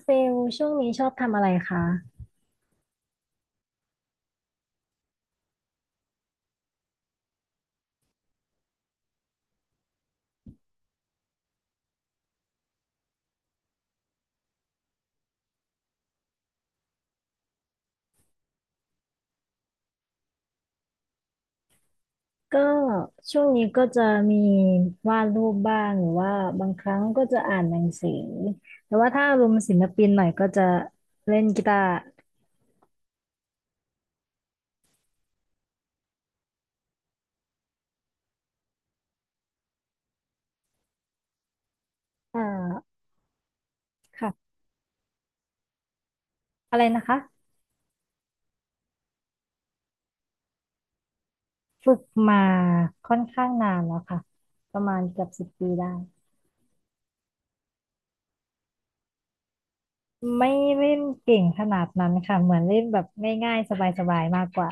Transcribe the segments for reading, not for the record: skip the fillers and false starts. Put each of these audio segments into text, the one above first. เฟลช่วงนี้ชอบทำอะไรคะก็ช่วงนี้ก็จะมีวาดรูปบ้างหรือว่าบางครั้งก็จะอ่านหนังสือแต่ว่าถ้าอารมณ์ศิลปินหน่อยก็จะเล่นกีตาร์อ่าค่ะอะไรนะคะฝึกมาค่อนข้างนานแล้วค่ะประมาณเกือบสิบปีได้ไม่เล่นเก่งขนาดนั้นค่ะเหมือนเล่นแบบง่ายๆสบายๆมากกว่า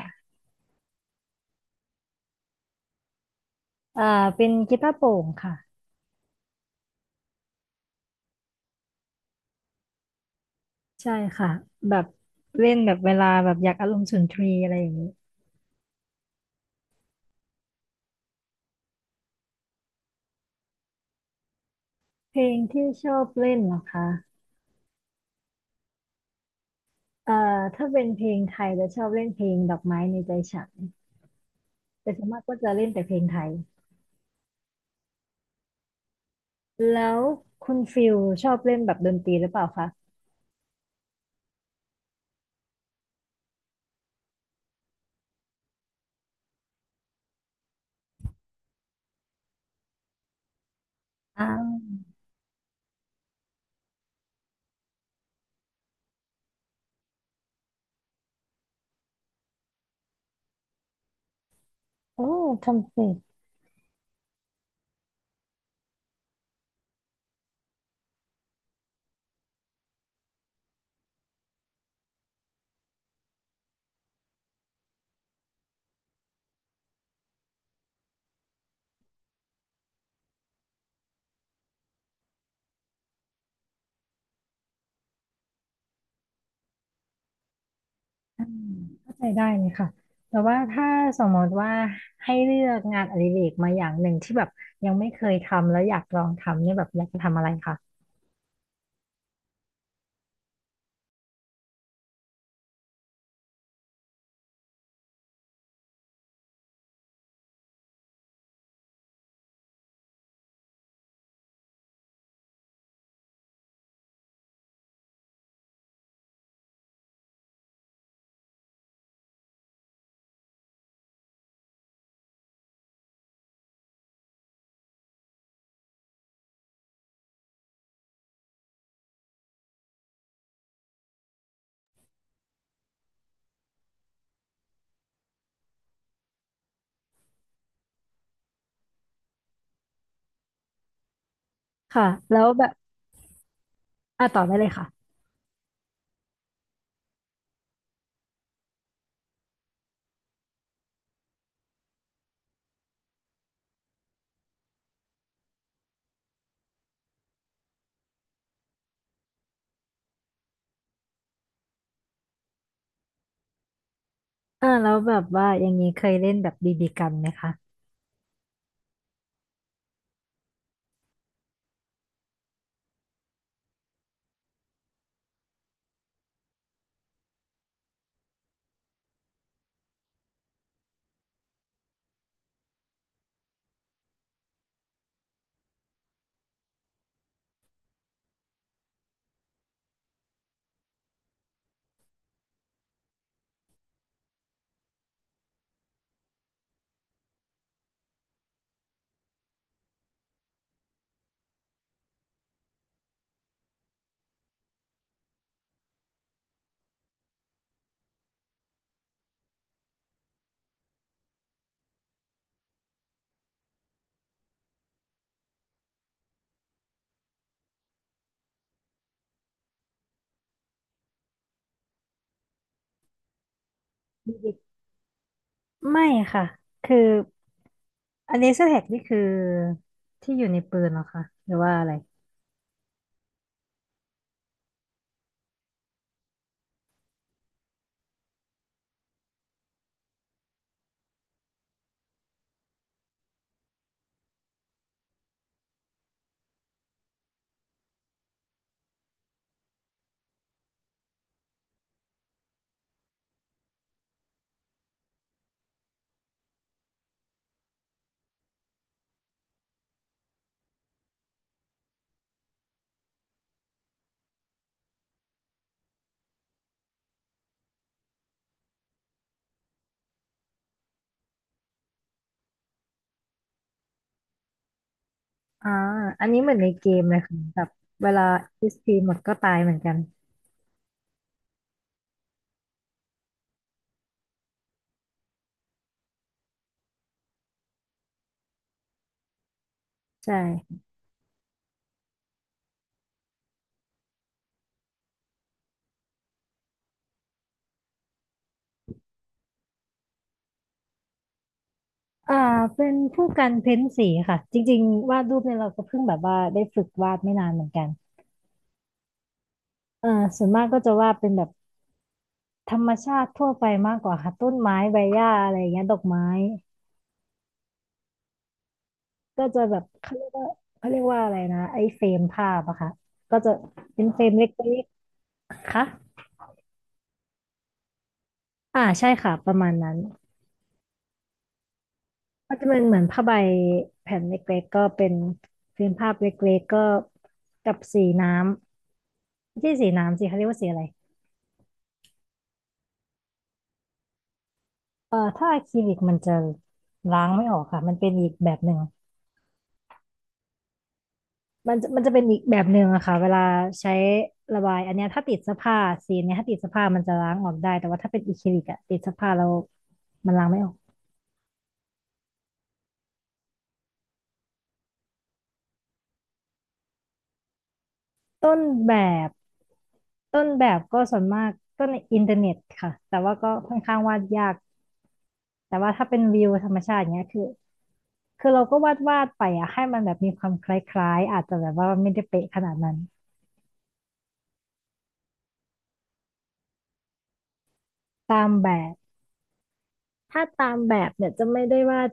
อ่าเป็นกีตาร์โปร่งค่ะใช่ค่ะแบบเล่นแบบเวลาแบบอยากอารมณ์สุนทรีย์อะไรอย่างนี้ เพลงที่ชอบเล่นเหรอคะเอ่อถ้าเป็นเพลงไทยจะชอบเล่นเพลงดอกไม้ในใจฉันแต่ส่วนมากก็จะเล่นแต่เพลงไทยแล้วคุณฟิลชอบเล่นแบบดนตรีหรือเปล่าคะอ่าโอ้ทำเสร็จอืมเข้าใจได้เลยค่ะแต่ว่าถ้าสมมติว่าให้เลือกงานอดิเรกมาอย่างหนึ่งที่แบบยังไม่เคยทำแล้วอยากลองทำเนี่ยแบบอยากจะทำอะไรคะค่ะแล้วแบบอ่ะต่อได้เลยค่ะแล้วแบบว่าอย่างนี้เคยเล่นแบบบีบีกันไหมคะบีบีกัน ไม่ค่ะ คืออันนี้สแท็กนี่คือที่อยู่ในปืนเหรอคะหรือว่าอะไรอ่าอันนี้เหมือนในเกมเลยค่ะแบบเวลา h ีหมดก็ตายเหมือนกันใช่อ่าเป็นผู้กันเพ้นสีค่ะจริงๆวาดรูปเนี่ยเราก็เพิ่งแบบว่าได้ฝึกวาดไม่นานเหมือนกันเออส่วนมากก็จะวาดเป็นแบบธรรมชาติทั่วไปมากกว่าค่ะต้นไม้ใบหญ้าอะไรอย่างเงี้ยดอกไม้ก็จะแบบเขาเรียกว่าเขาเรียกว่าอะไรนะไอ้เฟรมภาพอะค่ะก็จะเป็นเฟรมเล็กๆค่ะ อ่าใช่ค่ะประมาณนั้นก็จะเป็นเหมือนผ้าใบแผ่นเล็กๆก็เป็นฟิล์มภาพเล็กๆก็กับสีน้ำไม่ใช่สีน้ำสิเขาเรียกว่าสีอะไรถ้าอะคริลิกมันจะล้างไม่ออกค่ะมันเป็นอีกแบบหนึ่งมันจะเป็นอีกแบบหนึ่งอะค่ะเวลาใช้ระบายอันเนี้ยถ้าติดเสื้อผ้าสีเนี้ยถ้าติดเสื้อผ้ามันจะล้างออกได้แต่ว่าถ้าเป็นอะคริลิกอะติดเสื้อผ้าแล้วมันล้างไม่ออกต้นแบบต้นแบบก็ส่วนมากก็ในอินเทอร์เน็ตค่ะแต่ว่าก็ค่อนข้างวาดยาก แต่ว่าถ้าเป็นวิวธรรมชาติเนี้ยคือเราก็วาดวาดไปอะให้มันแบบมีความคล้ายๆอาจจะแบบว่าไม่ได้เป๊ะขนาดนั้นตามแบบถ้าตามแบบเนี่ยจะไม่ได้วาด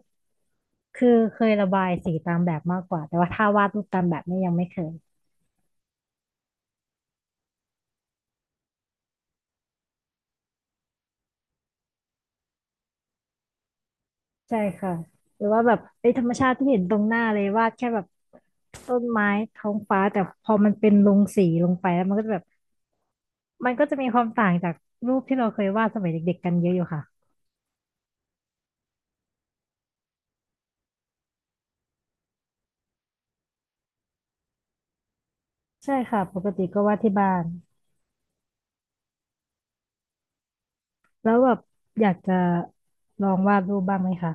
คือเคยระบายสีตามแบบมากกว่าแต่ว่าถ้าวาดรูปตามแบบเนี่ยยังไม่เคยใช่ค่ะหรือว่าแบบไอ้ยธรรมชาติที่เห็นตรงหน้าเลยวาดแค่แบบต้นไม้ท้องฟ้าแต่พอมันเป็นลงสีลงไปแล้วมันก็จะแบบมันก็จะมีความต่างจากรูปที่เราเคยวาดสมัยเด็กๆกันเยอะอยู่ค่ะใช่ค่ะปกติก็วาดที่บ้าน แล้วแบบอยากจะลองวาดรูปบ้างไหมคะ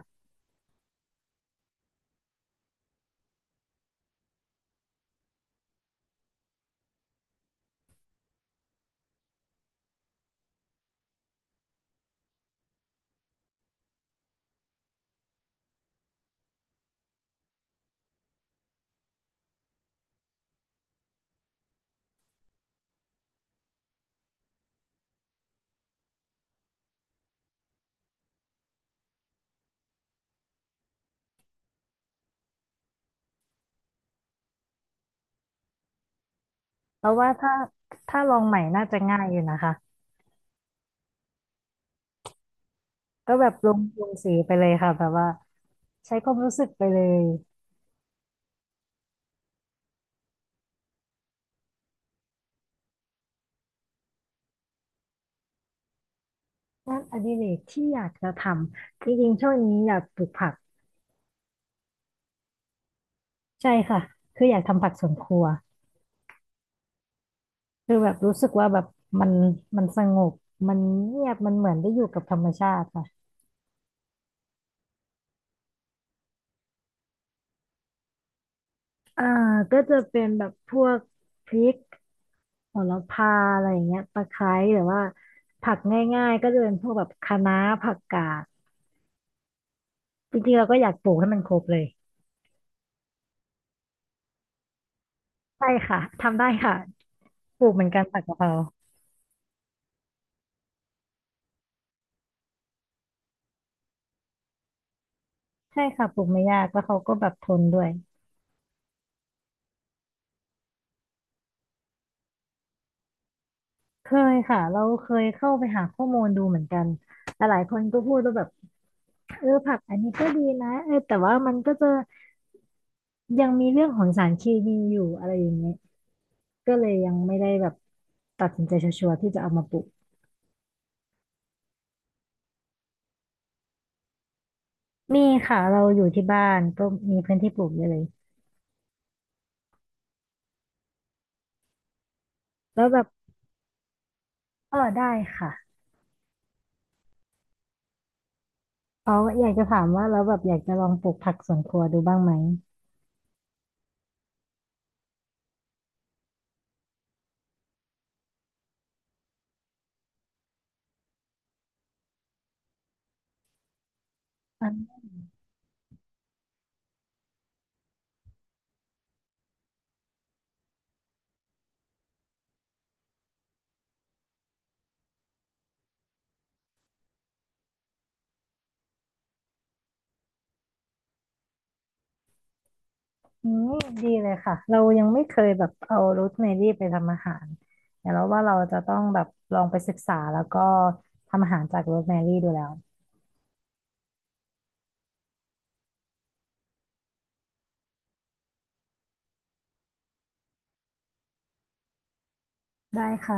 เพราะว่าถ้าลองใหม่น่าจะง่ายอยู่นะคะก็แบบลงสีไปเลยค่ะแบบว่าใช้ความรู้สึกไปเลยงานอดิเรกที่อยากจะทำจริงๆช่วงนี้อยากปลูกผักใช่ค่ะคืออยากทำผักสวนครัวคือแบบรู้สึกว่าแบบมันมันสงบมันเงียบมันเหมือนได้อยู่กับธรรมชาติค่ะอ่าก็จะเป็นแบบพวกพริก โหระพาอะไรอย่างเงี้ยตะไคร้หรือว่าผักง่ายๆก็จะเป็นพวกแบบคะน้าผักกาดจริงๆเราก็อยากปลูกให้มันครบเลยใช่ค่ะทำได้ค่ะปลูกเหมือนกันผักกะเพราใช่ค่ะปลูกไม่ยากแล้วเขาก็แบบทนด้วยเคยค่ะเราเคยเข้าไปหาข้อมูลดูเหมือนกันหลายๆคนก็พูดว่าแบบเออผักอันนี้ก็ดีนะเออแต่ว่ามันก็จะยังมีเรื่องของสารเคมีอยู่อะไรอย่างเงี้ยก็เลยยังไม่ได้แบบตัดสินใจชัวร์ๆที่จะเอามาปลูก มีค่ะเราอยู่ที่บ้านก็มีพื้นที่ปลูกเยอะเลยแล้วแบบเออได้ค่ะอ๋ออยากจะถามว่าเราแล้วแบบอยากจะลองปลูกผักสวนครัวดูบ้างไหมอันนี้ดีเลยค่ะเรายังไม่เคยแบบเอาโรสแมรี่ไปทำอาหารแต่เราว่าเราจะต้องแบบลองไปศึกษาแล้วก็ทำอาหารจากโรสแมรี่ดูแล้วได้ค่ะ